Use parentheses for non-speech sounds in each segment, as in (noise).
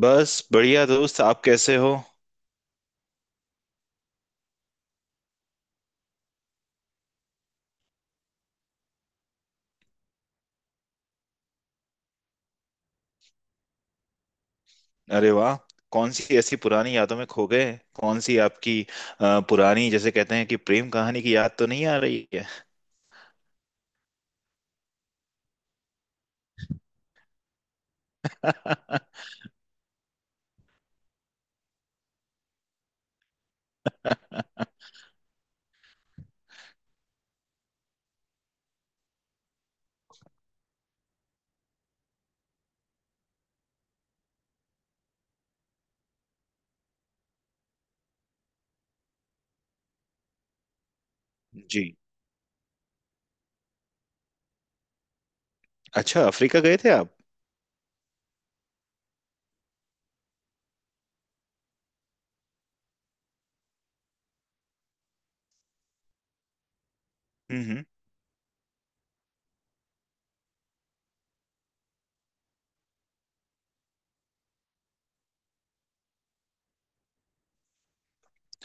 बस बढ़िया दोस्त। आप कैसे हो? अरे वाह। कौन सी ऐसी पुरानी यादों में खो गए? कौन सी आपकी पुरानी, जैसे कहते हैं, कि प्रेम कहानी की याद तो नहीं आ रही है? (laughs) जी। अच्छा, अफ्रीका गए थे आप? हम्म,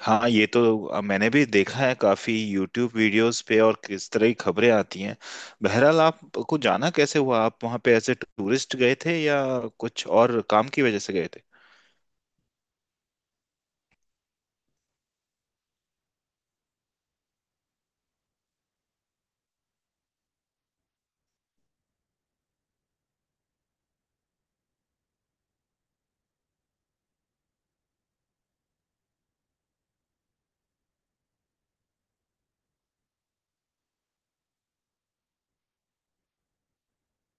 हाँ, ये तो मैंने भी देखा है काफी यूट्यूब वीडियोस पे, और किस तरह की खबरें आती हैं। बहरहाल, आपको जाना कैसे हुआ? आप वहाँ पे ऐसे टूरिस्ट गए थे, या कुछ और काम की वजह से गए थे?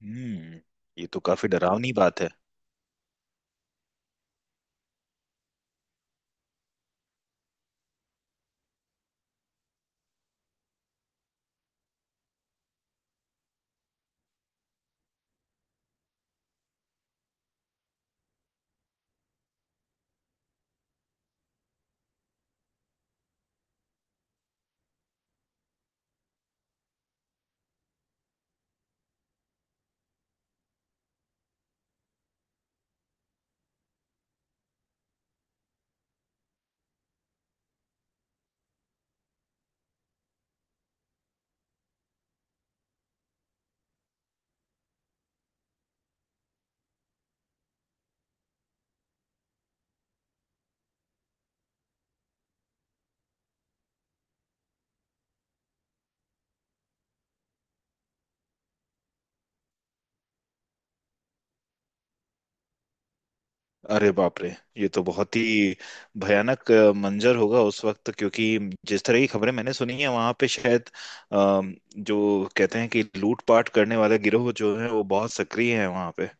हम्म। ये तो काफी डरावनी बात है। अरे बाप रे। ये तो बहुत ही भयानक मंजर होगा उस वक्त, क्योंकि जिस तरह की खबरें मैंने सुनी है वहां पे, शायद अ, जो कहते हैं, कि लूटपाट करने वाले गिरोह जो है, वो बहुत सक्रिय है वहां पे।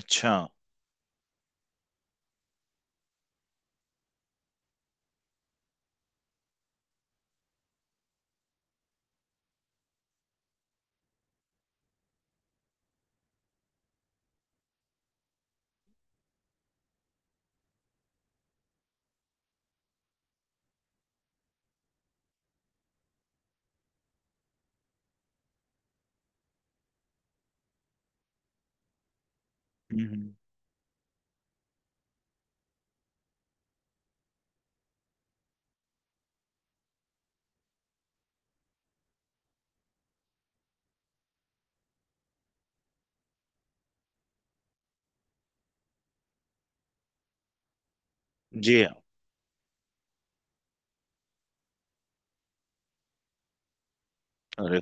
अच्छा। हम्म, जी। अरे।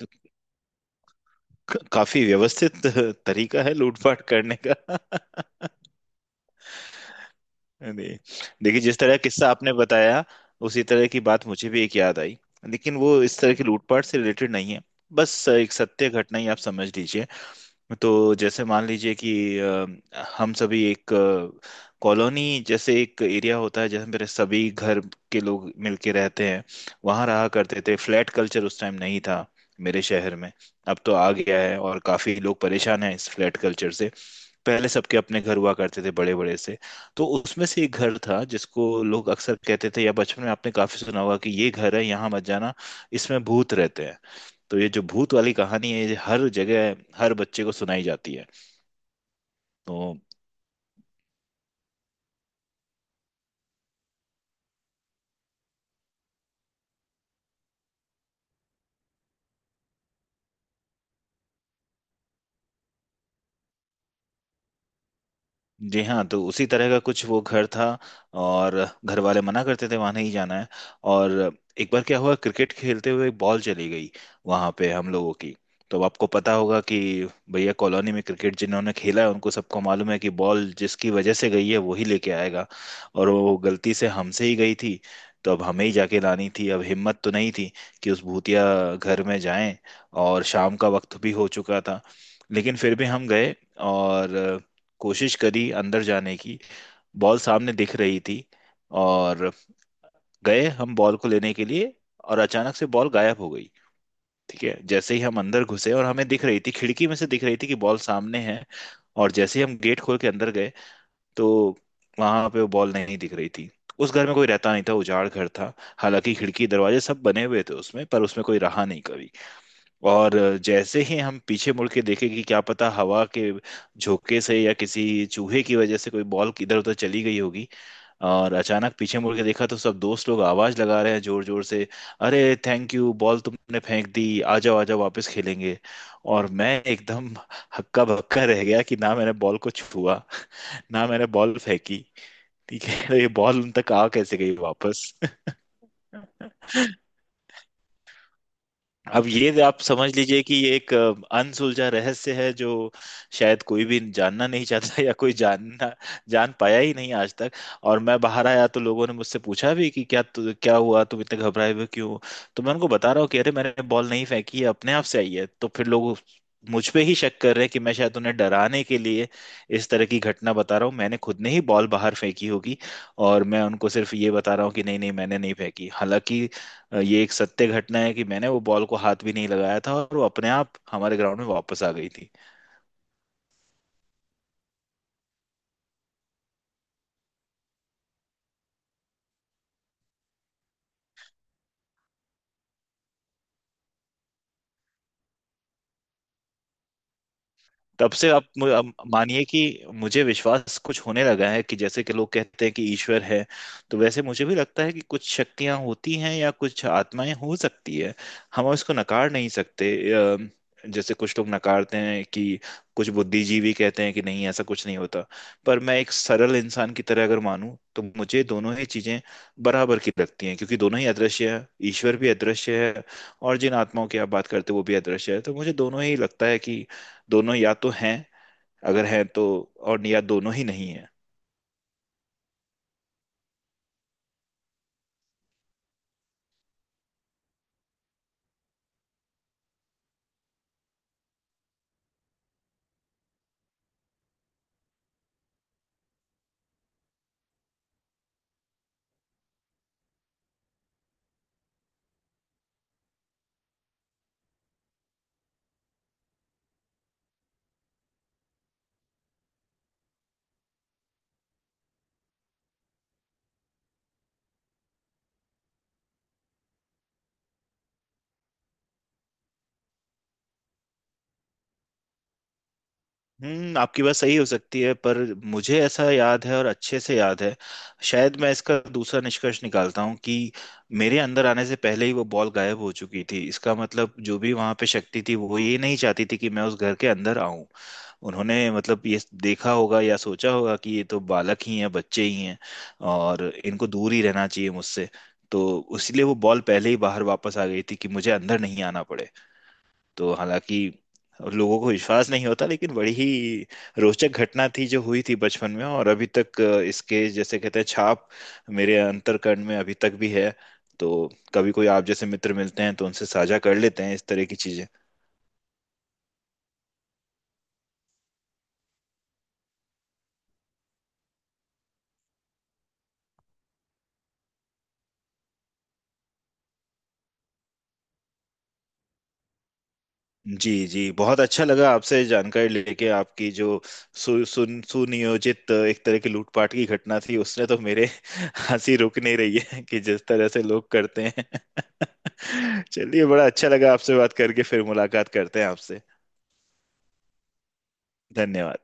तो काफी व्यवस्थित तरीका है लूटपाट करने का। (laughs) अरे, देखिए जिस तरह किस्सा आपने बताया, उसी तरह की बात मुझे भी एक याद आई। लेकिन वो इस तरह की लूटपाट से रिलेटेड नहीं है। बस एक सत्य घटना ही आप समझ लीजिए। तो जैसे मान लीजिए कि हम सभी एक कॉलोनी जैसे एक एरिया होता है, जहाँ मेरे सभी घर के लोग मिलके रहते हैं। वहाँ रहा करते थे। फ्लैट कल्चर उस टाइम नहीं था मेरे शहर में। अब तो आ गया है, और काफी लोग परेशान हैं इस फ्लैट कल्चर से। पहले सबके अपने घर हुआ करते थे, बड़े बड़े से। तो उसमें से एक घर था जिसको लोग अक्सर कहते थे, या बचपन में आपने काफी सुना होगा, कि ये घर है, यहाँ मत जाना, इसमें भूत रहते हैं। तो ये जो भूत वाली कहानी है, ये हर जगह, हर बच्चे को सुनाई जाती है। तो जी हाँ, तो उसी तरह का कुछ वो घर था। और घर वाले मना करते थे, वहां नहीं जाना है। और एक बार क्या हुआ, क्रिकेट खेलते हुए एक बॉल चली गई वहां पे हम लोगों की। तो अब आपको पता होगा कि भैया, कॉलोनी में क्रिकेट जिन्होंने खेला है, उनको सबको मालूम है कि बॉल जिसकी वजह से गई है, वही लेके आएगा। और वो गलती से हमसे ही गई थी। तो अब हमें ही जाके लानी थी। अब हिम्मत तो नहीं थी कि उस भूतिया घर में जाएं। और शाम का वक्त भी हो चुका था। लेकिन फिर भी हम गए, और कोशिश करी अंदर जाने की। बॉल सामने दिख रही थी। और गए हम बॉल को लेने के लिए, और अचानक से बॉल गायब हो गई। ठीक है, जैसे ही हम अंदर घुसे, और हमें दिख रही थी, खिड़की में से दिख रही थी कि बॉल सामने है। और जैसे ही हम गेट खोल के अंदर गए, तो वहां पे वो बॉल नहीं दिख रही थी। उस घर में कोई रहता नहीं था, उजाड़ घर था। हालांकि खिड़की दरवाजे सब बने हुए थे उसमें, पर उसमें कोई रहा नहीं कभी। और जैसे ही हम पीछे मुड़ के देखें कि क्या पता हवा के झोंके से या किसी चूहे की वजह से कोई बॉल इधर उधर चली गई होगी। और अचानक पीछे मुड़ के देखा तो सब दोस्त लोग आवाज लगा रहे हैं जोर जोर से, अरे, थैंक यू, बॉल तुमने फेंक दी, आ जाओ आ जाओ, वापस खेलेंगे। और मैं एकदम हक्का बक्का रह गया कि ना मैंने बॉल को छुआ, (laughs) ना मैंने बॉल फेंकी। ठीक है, ये बॉल उन तक आ कैसे गई वापस? (laughs) अब ये आप समझ लीजिए कि ये एक अनसुलझा रहस्य है, जो शायद कोई भी जानना नहीं चाहता, (laughs) या कोई जान पाया ही नहीं आज तक। और मैं बाहर आया तो लोगों ने मुझसे पूछा भी कि क्या हुआ, तुम इतने घबराए हुए क्यों हो? तो मैं उनको बता रहा हूँ कि अरे, मैंने बॉल नहीं फेंकी है, अपने आप से आई है। तो फिर लोग मुझ पे ही शक कर रहे हैं कि मैं शायद उन्हें डराने के लिए इस तरह की घटना बता रहा हूँ, मैंने खुद ने ही बॉल बाहर फेंकी होगी। और मैं उनको सिर्फ ये बता रहा हूँ कि नहीं नहीं, मैंने नहीं फेंकी। हालांकि ये एक सत्य घटना है कि मैंने वो बॉल को हाथ भी नहीं लगाया था, और वो अपने आप हमारे ग्राउंड में वापस आ गई थी। तब से आप मानिए कि मुझे विश्वास कुछ होने लगा है कि जैसे कि लोग कहते हैं कि ईश्वर है, तो वैसे मुझे भी लगता है कि कुछ शक्तियां होती हैं या कुछ आत्माएं हो सकती है। हम उसको नकार नहीं सकते। जैसे कुछ लोग नकारते हैं कि, कुछ बुद्धिजीवी कहते हैं कि नहीं ऐसा कुछ नहीं होता। पर मैं एक सरल इंसान की तरह अगर मानूं, तो मुझे दोनों ही चीजें बराबर की लगती हैं, क्योंकि दोनों ही अदृश्य है। ईश्वर भी अदृश्य है, और जिन आत्माओं की आप बात करते हो वो भी अदृश्य है। तो मुझे दोनों ही लगता है कि दोनों या तो हैं, अगर हैं तो, और या दोनों ही नहीं है। आपकी बात सही हो सकती है, पर मुझे ऐसा याद है, और अच्छे से याद है। शायद मैं इसका दूसरा निष्कर्ष निकालता हूँ कि मेरे अंदर आने से पहले ही वो बॉल गायब हो चुकी थी। इसका मतलब जो भी वहां पे शक्ति थी, वो ये नहीं चाहती थी कि मैं उस घर के अंदर आऊं। उन्होंने, मतलब, ये देखा होगा या सोचा होगा कि ये तो बालक ही हैं, बच्चे ही हैं। और इनको दूर ही रहना चाहिए मुझसे। तो इसलिए वो बॉल पहले ही बाहर वापस आ गई थी, कि मुझे अंदर नहीं आना पड़े। तो हालांकि लोगों को विश्वास नहीं होता, लेकिन बड़ी ही रोचक घटना थी जो हुई थी बचपन में, और अभी तक इसके, जैसे कहते हैं, छाप मेरे अंतर्कण में अभी तक भी है। तो कभी कोई आप जैसे मित्र मिलते हैं, तो उनसे साझा कर लेते हैं इस तरह की चीजें। जी जी, बहुत अच्छा लगा आपसे जानकारी लेके। आपकी जो सु, सुन सुनियोजित एक तरह की लूटपाट की घटना थी, उसने तो मेरे (laughs) हंसी रुक नहीं रही है कि जिस तरह से लोग करते हैं। (laughs) चलिए, बड़ा अच्छा लगा आपसे बात करके, फिर मुलाकात करते हैं आपसे। धन्यवाद।